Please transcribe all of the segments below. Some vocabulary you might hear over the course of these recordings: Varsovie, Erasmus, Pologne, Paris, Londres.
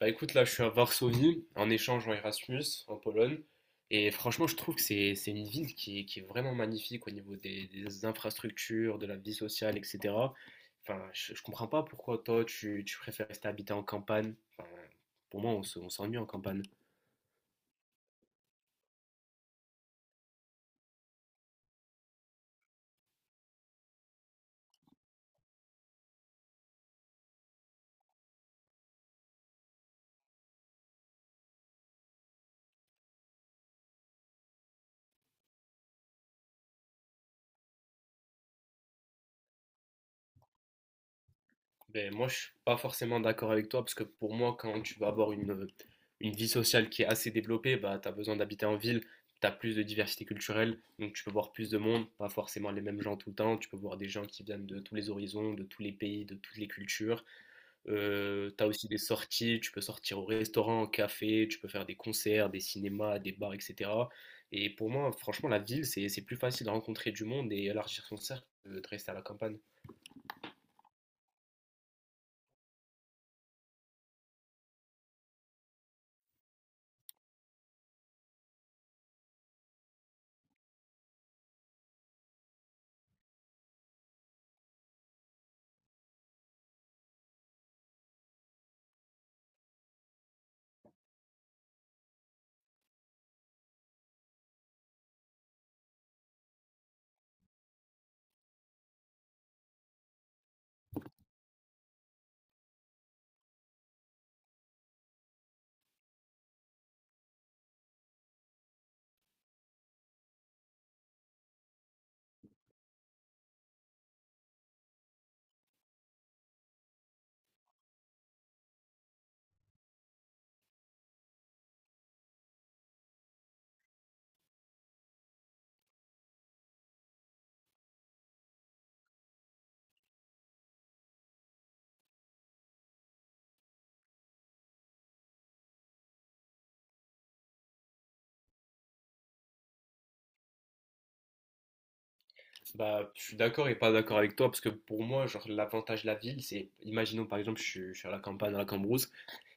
Bah écoute, là, je suis à Varsovie, en échange en Erasmus, en Pologne. Et franchement, je trouve que c'est une ville qui est vraiment magnifique au niveau des infrastructures, de la vie sociale, etc. Enfin, je comprends pas pourquoi toi, tu préfères rester habiter en campagne. Enfin, pour moi, on s'ennuie en campagne. Ben, moi, je suis pas forcément d'accord avec toi parce que pour moi, quand tu vas avoir une vie sociale qui est assez développée, bah, tu as besoin d'habiter en ville, tu as plus de diversité culturelle, donc tu peux voir plus de monde, pas forcément les mêmes gens tout le temps, tu peux voir des gens qui viennent de tous les horizons, de tous les pays, de toutes les cultures. Tu as aussi des sorties, tu peux sortir au restaurant, au café, tu peux faire des concerts, des cinémas, des bars, etc. Et pour moi, franchement, la ville, c'est plus facile de rencontrer du monde et élargir son cercle que de rester à la campagne. Bah, je suis d'accord et pas d'accord avec toi parce que pour moi, genre, l'avantage de la ville, c'est, imaginons par exemple, je suis à la campagne, à la Cambrousse,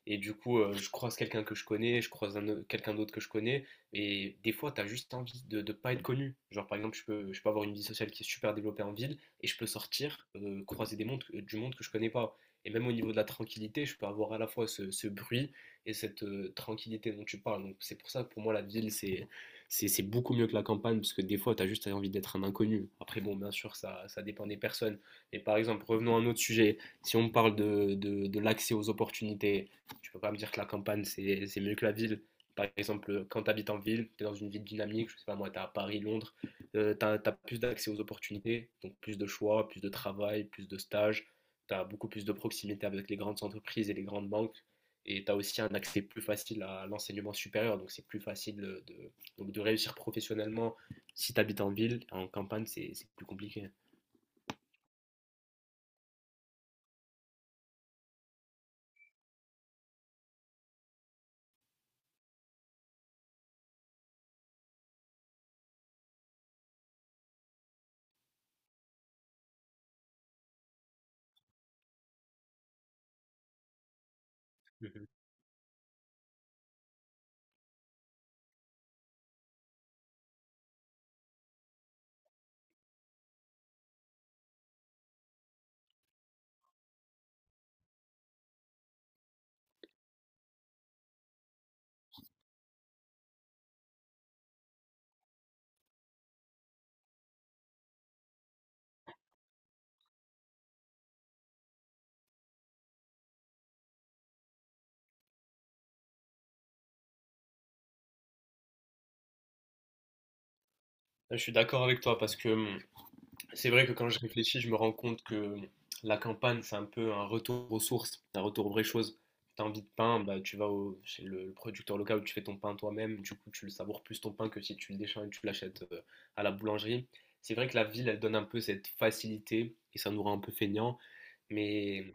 et du coup, je croise quelqu'un que je connais, je croise quelqu'un d'autre que je connais. Et des fois, tu as juste envie de ne pas être connu. Genre, par exemple, je peux avoir une vie sociale qui est super développée en ville et je peux sortir, croiser des mondes, du monde que je connais pas. Et même au niveau de la tranquillité, je peux avoir à la fois ce bruit et cette tranquillité dont tu parles. Donc, c'est pour ça que pour moi, la ville, c'est beaucoup mieux que la campagne parce que des fois, tu as juste envie d'être un inconnu. Après, bon, bien sûr, ça dépend des personnes. Mais par exemple, revenons à un autre sujet. Si on parle de l'accès aux opportunités, tu peux pas me dire que la campagne, c'est mieux que la ville. Par exemple, quand tu habites en ville, tu es dans une ville dynamique, je sais pas moi, tu es à Paris, Londres, tu as plus d'accès aux opportunités, donc plus de choix, plus de travail, plus de stages, tu as beaucoup plus de proximité avec les grandes entreprises et les grandes banques, et tu as aussi un accès plus facile à l'enseignement supérieur, donc c'est plus facile donc de réussir professionnellement si tu habites en ville, en campagne, c'est plus compliqué. Mhm. Je suis d'accord avec toi parce que c'est vrai que quand je réfléchis, je me rends compte que bon, la campagne, c'est un peu un retour aux sources, un retour aux vraies choses. T'as envie de pain, bah, tu vas chez le producteur local où tu fais ton pain toi-même. Du coup, tu le savoures plus ton pain que si tu le déchets et tu l'achètes à la boulangerie. C'est vrai que la ville, elle donne un peu cette facilité et ça nous rend un peu feignants. Mais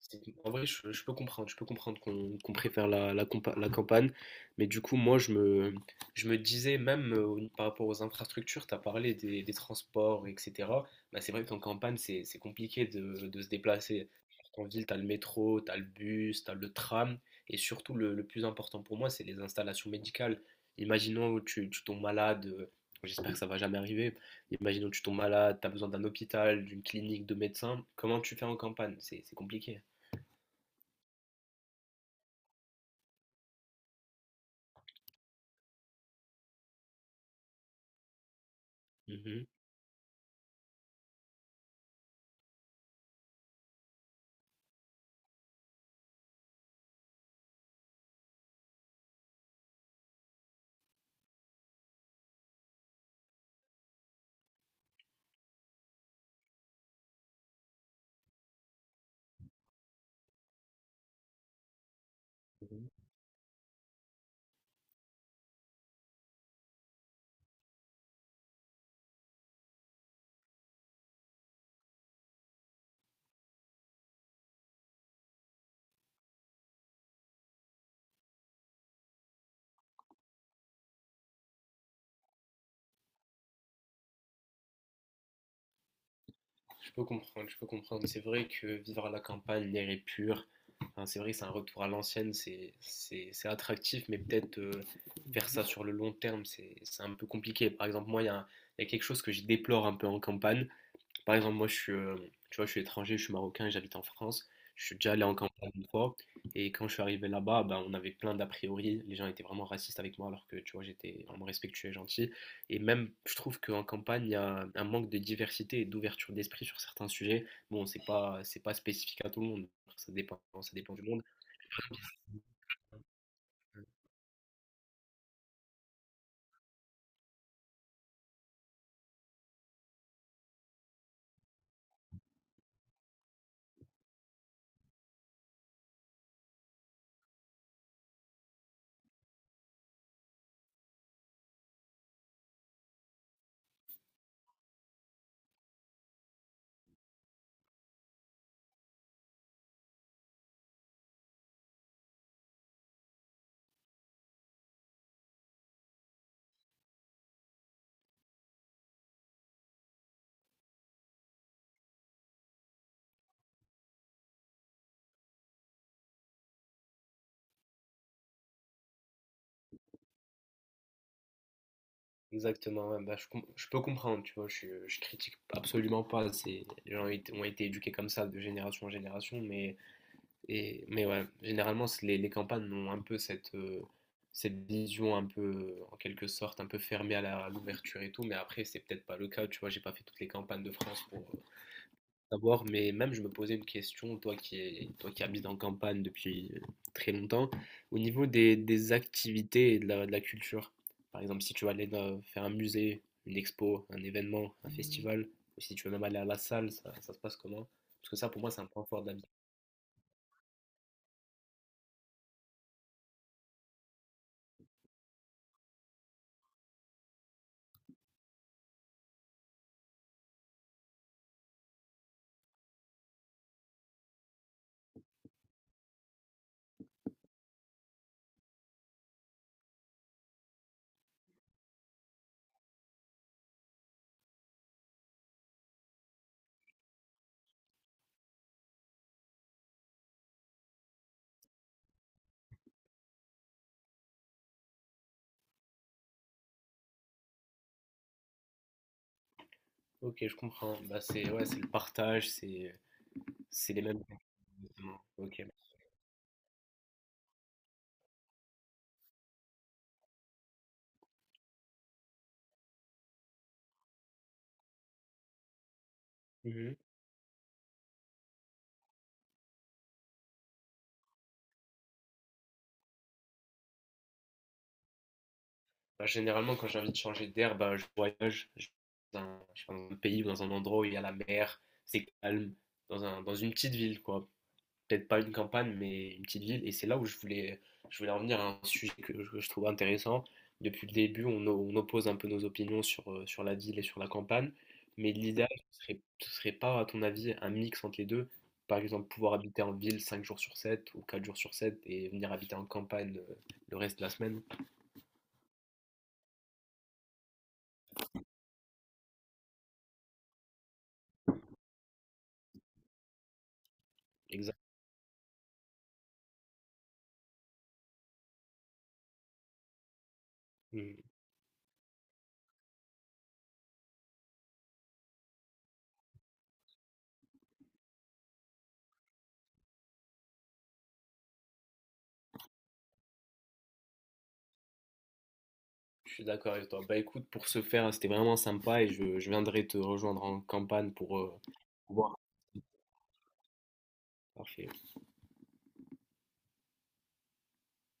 c'est- En vrai, je peux comprendre, je peux comprendre qu'on préfère la campagne, mais du coup, moi, je me disais, même par rapport aux infrastructures, tu as parlé des transports, etc. Bah, c'est vrai qu'en campagne, c'est compliqué de se déplacer. En ville, tu as le métro, tu as le bus, tu as le tram, et surtout, le plus important pour moi, c'est les installations médicales. Imaginons tu tombes malade, j'espère que ça va jamais arriver, imaginons tu tombes malade, tu as besoin d'un hôpital, d'une clinique, de médecins, comment tu fais en campagne? C'est compliqué, hein. Mhm. Mhm. Je peux comprendre, je peux comprendre. C'est vrai que vivre à la campagne, l'air est pur. Enfin, c'est vrai que c'est un retour à l'ancienne, c'est attractif, mais peut-être faire ça sur le long terme, c'est un peu compliqué. Par exemple, moi, il y a quelque chose que je déplore un peu en campagne. Par exemple, moi, je suis, tu vois, je suis étranger, je suis marocain, j'habite en France. Je suis déjà allé en campagne une fois. Et quand je suis arrivé là-bas, ben, on avait plein d'a priori. Les gens étaient vraiment racistes avec moi, alors que, tu vois, j'étais vraiment respectueux et gentil. Et même, je trouve qu'en campagne, il y a un manque de diversité et d'ouverture d'esprit sur certains sujets. Bon, c'est pas, spécifique à tout le monde. Ça dépend du monde. Exactement, ouais, bah, je peux comprendre, tu vois, je critique absolument pas. C'est, les gens ont été éduqués comme ça de génération en génération, mais ouais, généralement, les campagnes ont un peu cette vision un peu, en quelque sorte, un peu fermée à l'ouverture et tout. Mais après, c'est peut-être pas le cas. Tu vois, j'ai pas fait toutes les campagnes de France pour savoir. Mais même, je me posais une question, toi qui habites en campagne depuis très longtemps, au niveau des activités et de la culture. Par exemple, si tu vas aller faire un musée, une expo, un événement, un festival, ou si tu veux même aller à la salle, ça se passe comment? Parce que ça, pour moi, c'est un point fort. Ok, je comprends. Bah, c'est ouais, c'est le partage, c'est les mêmes. Exactement. Ok. Mhm. Bah, généralement, quand j'ai envie de changer d'air, bah, je voyage. Je vais dans un, je sais pas, dans un pays ou dans un endroit où il y a la mer, c'est calme, dans un, dans une petite ville, quoi. Peut-être pas une campagne, mais une petite ville. Et c'est là où je voulais en venir à un sujet que je trouve intéressant. Depuis le début, on oppose un peu nos opinions sur la ville et sur la campagne. Mais l'idéal, ce serait pas, à ton avis, un mix entre les deux? Par exemple, pouvoir habiter en ville 5 jours sur 7 ou 4 jours sur 7 et venir habiter en campagne le reste de la semaine. Exact. Mm. Je suis d'accord avec toi. Bah écoute, pour ce faire, c'était vraiment sympa et je viendrai te rejoindre en campagne pour voir. Parfait.